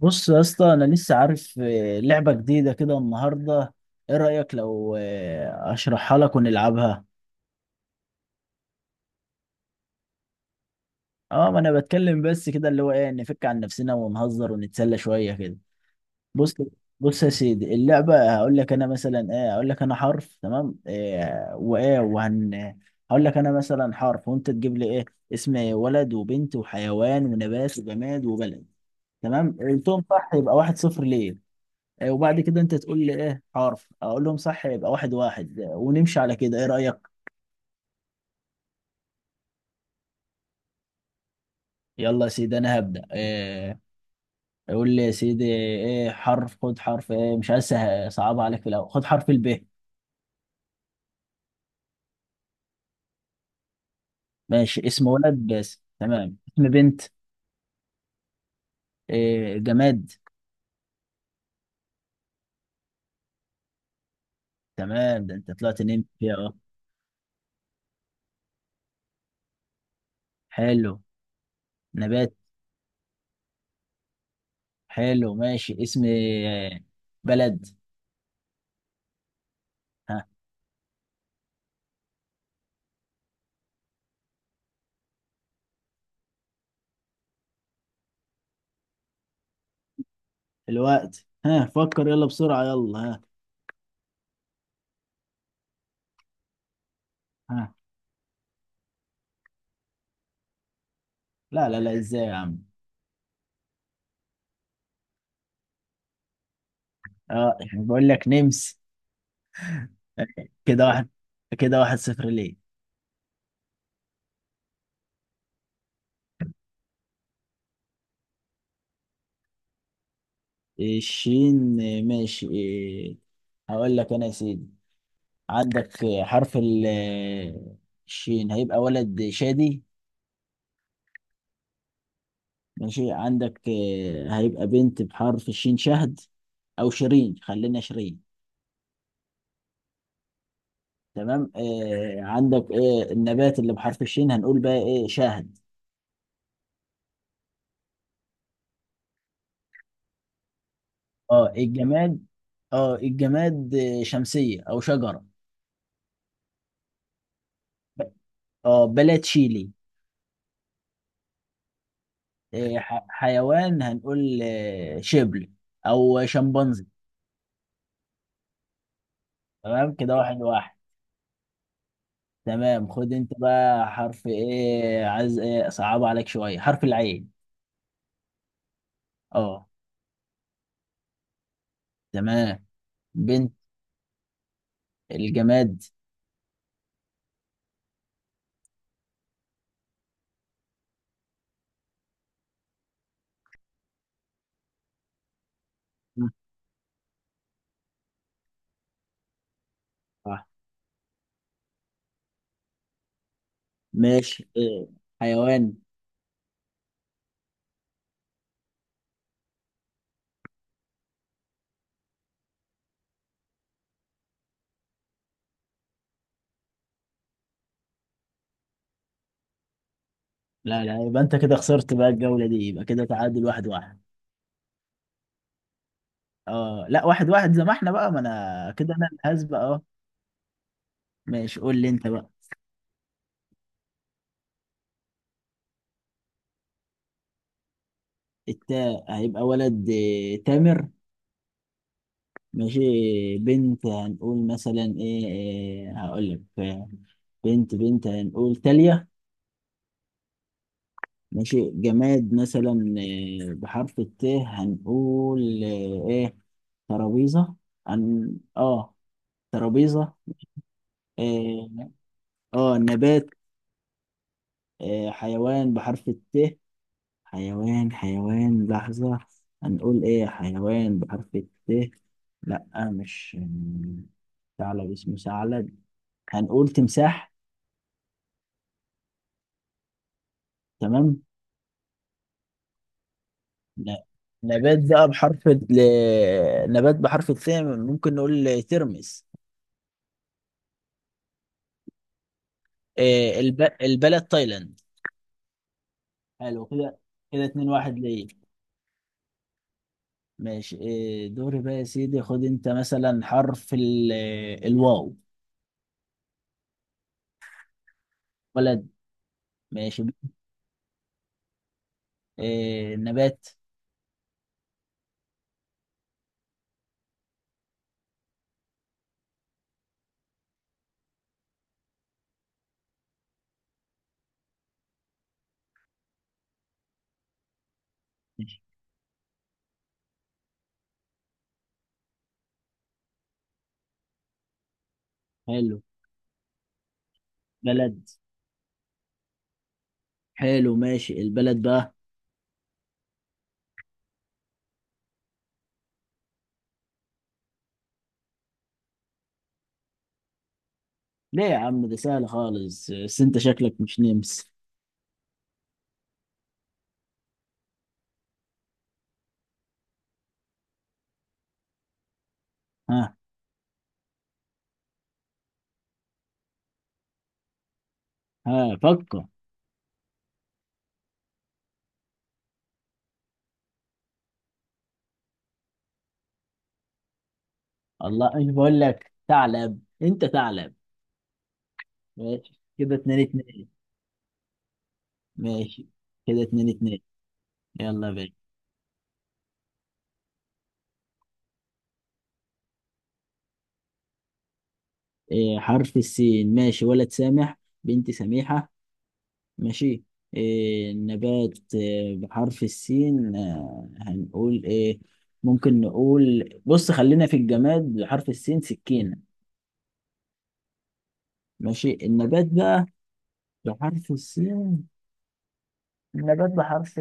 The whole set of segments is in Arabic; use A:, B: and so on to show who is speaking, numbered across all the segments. A: بص يا اسطى انا لسه عارف لعبه جديده كده النهارده. ايه رايك لو اشرحها لك ونلعبها. اه ما انا بتكلم بس كده اللي هو ايه، نفك عن نفسنا ونهزر ونتسلى شويه كده. بص. يا سيدي اللعبه، هقول لك انا مثلا ايه، هقول لك انا حرف، تمام؟ إيه وايه وهن. هقول لك انا مثلا حرف وانت تجيب لي ايه، اسم ولد وبنت وحيوان ونبات وجماد وبلد. تمام، قلتهم صح يبقى واحد صفر ليه. وبعد كده انت تقول لي ايه حرف، اقول لهم صح يبقى واحد واحد ونمشي على كده. ايه رأيك؟ يلا يا سيدي انا هبدأ إيه. قول لي يا سيدي ايه حرف، خد حرف ايه، مش عايز صعب عليك في الاول، خد حرف الب. ماشي، اسم ولد بس؟ تمام. اسم بنت. إيه جماد؟ تمام، ده انت طلعت نمت فيها اه. حلو. نبات. حلو ماشي. اسم بلد. ها الوقت، ها فكر، يلا بسرعة، يلا ها. ها، لا لا لا، ازاي يا عم؟ اه يعني بقول لك نمس. كده واحد. كده صفر ليه. الشين، ماشي. هقول لك انا يا سيدي عندك حرف الشين، هيبقى ولد شادي. ماشي، عندك هيبقى بنت بحرف الشين شهد، او شيرين، خلينا شيرين. تمام، عندك النبات اللي بحرف الشين هنقول بقى ايه؟ شاهد. اه الجماد. شمسية او شجرة. ب- اه بلد شيلي. حيوان هنقول شبل او شمبانزي. تمام، كده واحد واحد. تمام، خد انت بقى حرف ايه، عايز ايه، صعب عليك شويه، حرف العين. اه. تمام. بنت. الجماد. مم. صح. ماشي. حيوان. لا لا، يبقى انت كده خسرت بقى الجوله دي، يبقى كده تعادل واحد واحد. اه لا، واحد واحد زي ما احنا بقى، ما انا كده انا اللي هسبق اه. ماشي قول لي انت بقى. التاء هيبقى ولد تامر. ماشي، بنت هنقول مثلا ايه, إيه هقول لك بنت هنقول تالية. ماشي، جماد مثلا إيه بحرف الت، هنقول ايه؟ ترابيزة. عن. اه ترابيزة. إيه. اه نبات. إيه حيوان بحرف الت. حيوان لحظة، هنقول ايه حيوان بحرف الت. لا مش ثعلب، اسمه ثعلب. هنقول تمساح. تمام. ن- نبات بقى بحرف ال... نبات بحرف الث، ممكن نقول ترمس. البلد تايلاند. حلو كده، كده اتنين واحد ليه. ماشي، دوري بقى يا سيدي، خد انت مثلا حرف ال... الواو. بلد. ماشي. نبات. ماشي. حلو. بلد. حلو ماشي البلد بقى. ليه يا عم ده سهل خالص، بس انت شكلك مش نمس. ها. ها فكر. الله، ايش بقول لك، ثعلب انت ثعلب. ماشي كده اتنين اتنين. ماشي كده اتنين اتنين. يلا بقى. إيه حرف السين، ماشي، ولد سامح، بنت سميحة. ماشي. إيه نبات، إيه بحرف السين، هنقول ايه. ممكن نقول، بص خلينا في الجماد بحرف السين، سكينة. ماشي، النبات بقى بحرف السين، النبات بحرف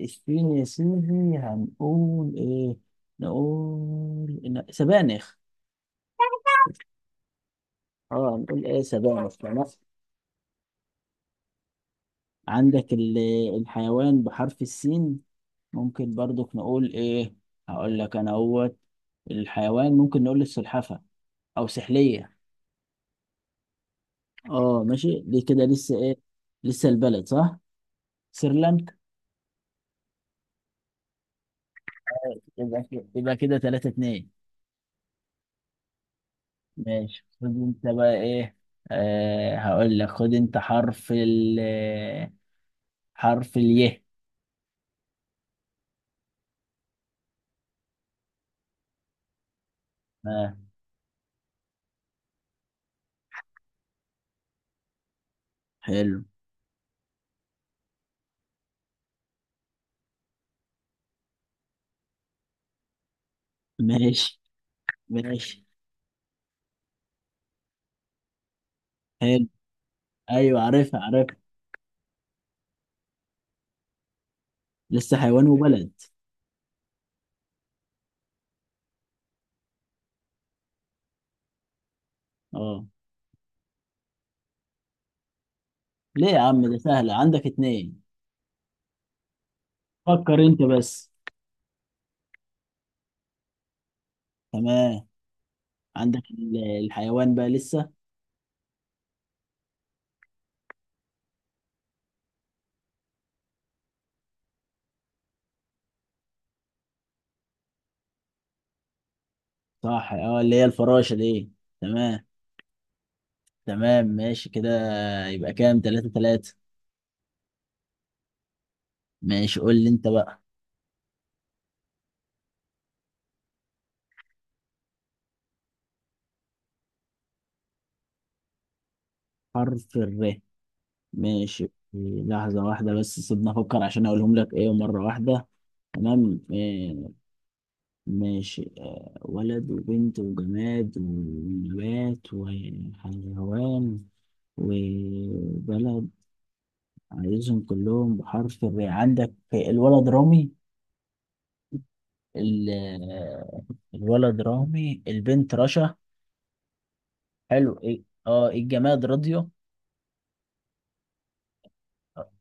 A: السين يا سيدي، هنقول ايه. نقول سبانخ. اه نقول ايه، سبانخ، تمام. عندك الحيوان بحرف السين، ممكن برضك نقول ايه، هقول لك انا اهوت. الحيوان ممكن نقول السلحفة او سحلية. اه ماشي، دي كده لسه ايه، لسه البلد صح، سريلانكا. يبقى كده، يبقى كده 3-2. ماشي خد انت بقى ايه. آه هقول لك، خد انت حرف ال، حرف اليه. آه. حلو. ماشي. ماشي. حلو. ايوه، عارفها عارفها. لسه حيوان وبلد. اه. ليه يا عم ده سهلة عندك اتنين. فكر انت بس. تمام. عندك الحيوان بقى لسه. صح اه، اللي هي الفراشة دي. تمام. تمام ماشي كده، يبقى كام، تلاتة تلاتة. ماشي قول لي انت بقى. حرف الر. ماشي، لحظة واحدة بس سيبنا افكر عشان اقولهم لك ايه مرة واحدة. تمام. ماشي ولد وبنت وجماد ونبات وحيوان وبلد، عايزهم كلهم بحرف الر. عندك الولد رامي. ال- البنت رشا. حلو. ايه اه، الجماد راديو.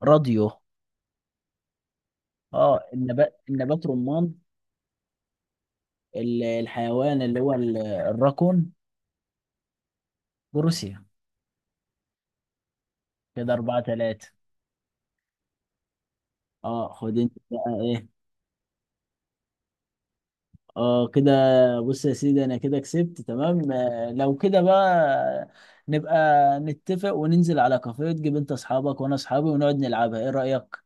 A: راديو. اه النبات، رمان. الحيوان اللي هو الراكون. بروسيا. كده أربعة تلاتة. اه خد انت بقى ايه. اه كده. بص يا سيدي انا كده كسبت، تمام، لو كده بقى نبقى نتفق وننزل على كافيه، تجيب انت اصحابك وانا اصحابي ونقعد نلعبها، ايه رأيك؟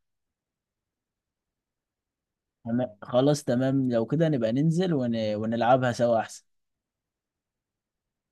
A: تمام خلاص، تمام لو كده نبقى ننزل ونلعبها سوا احسن.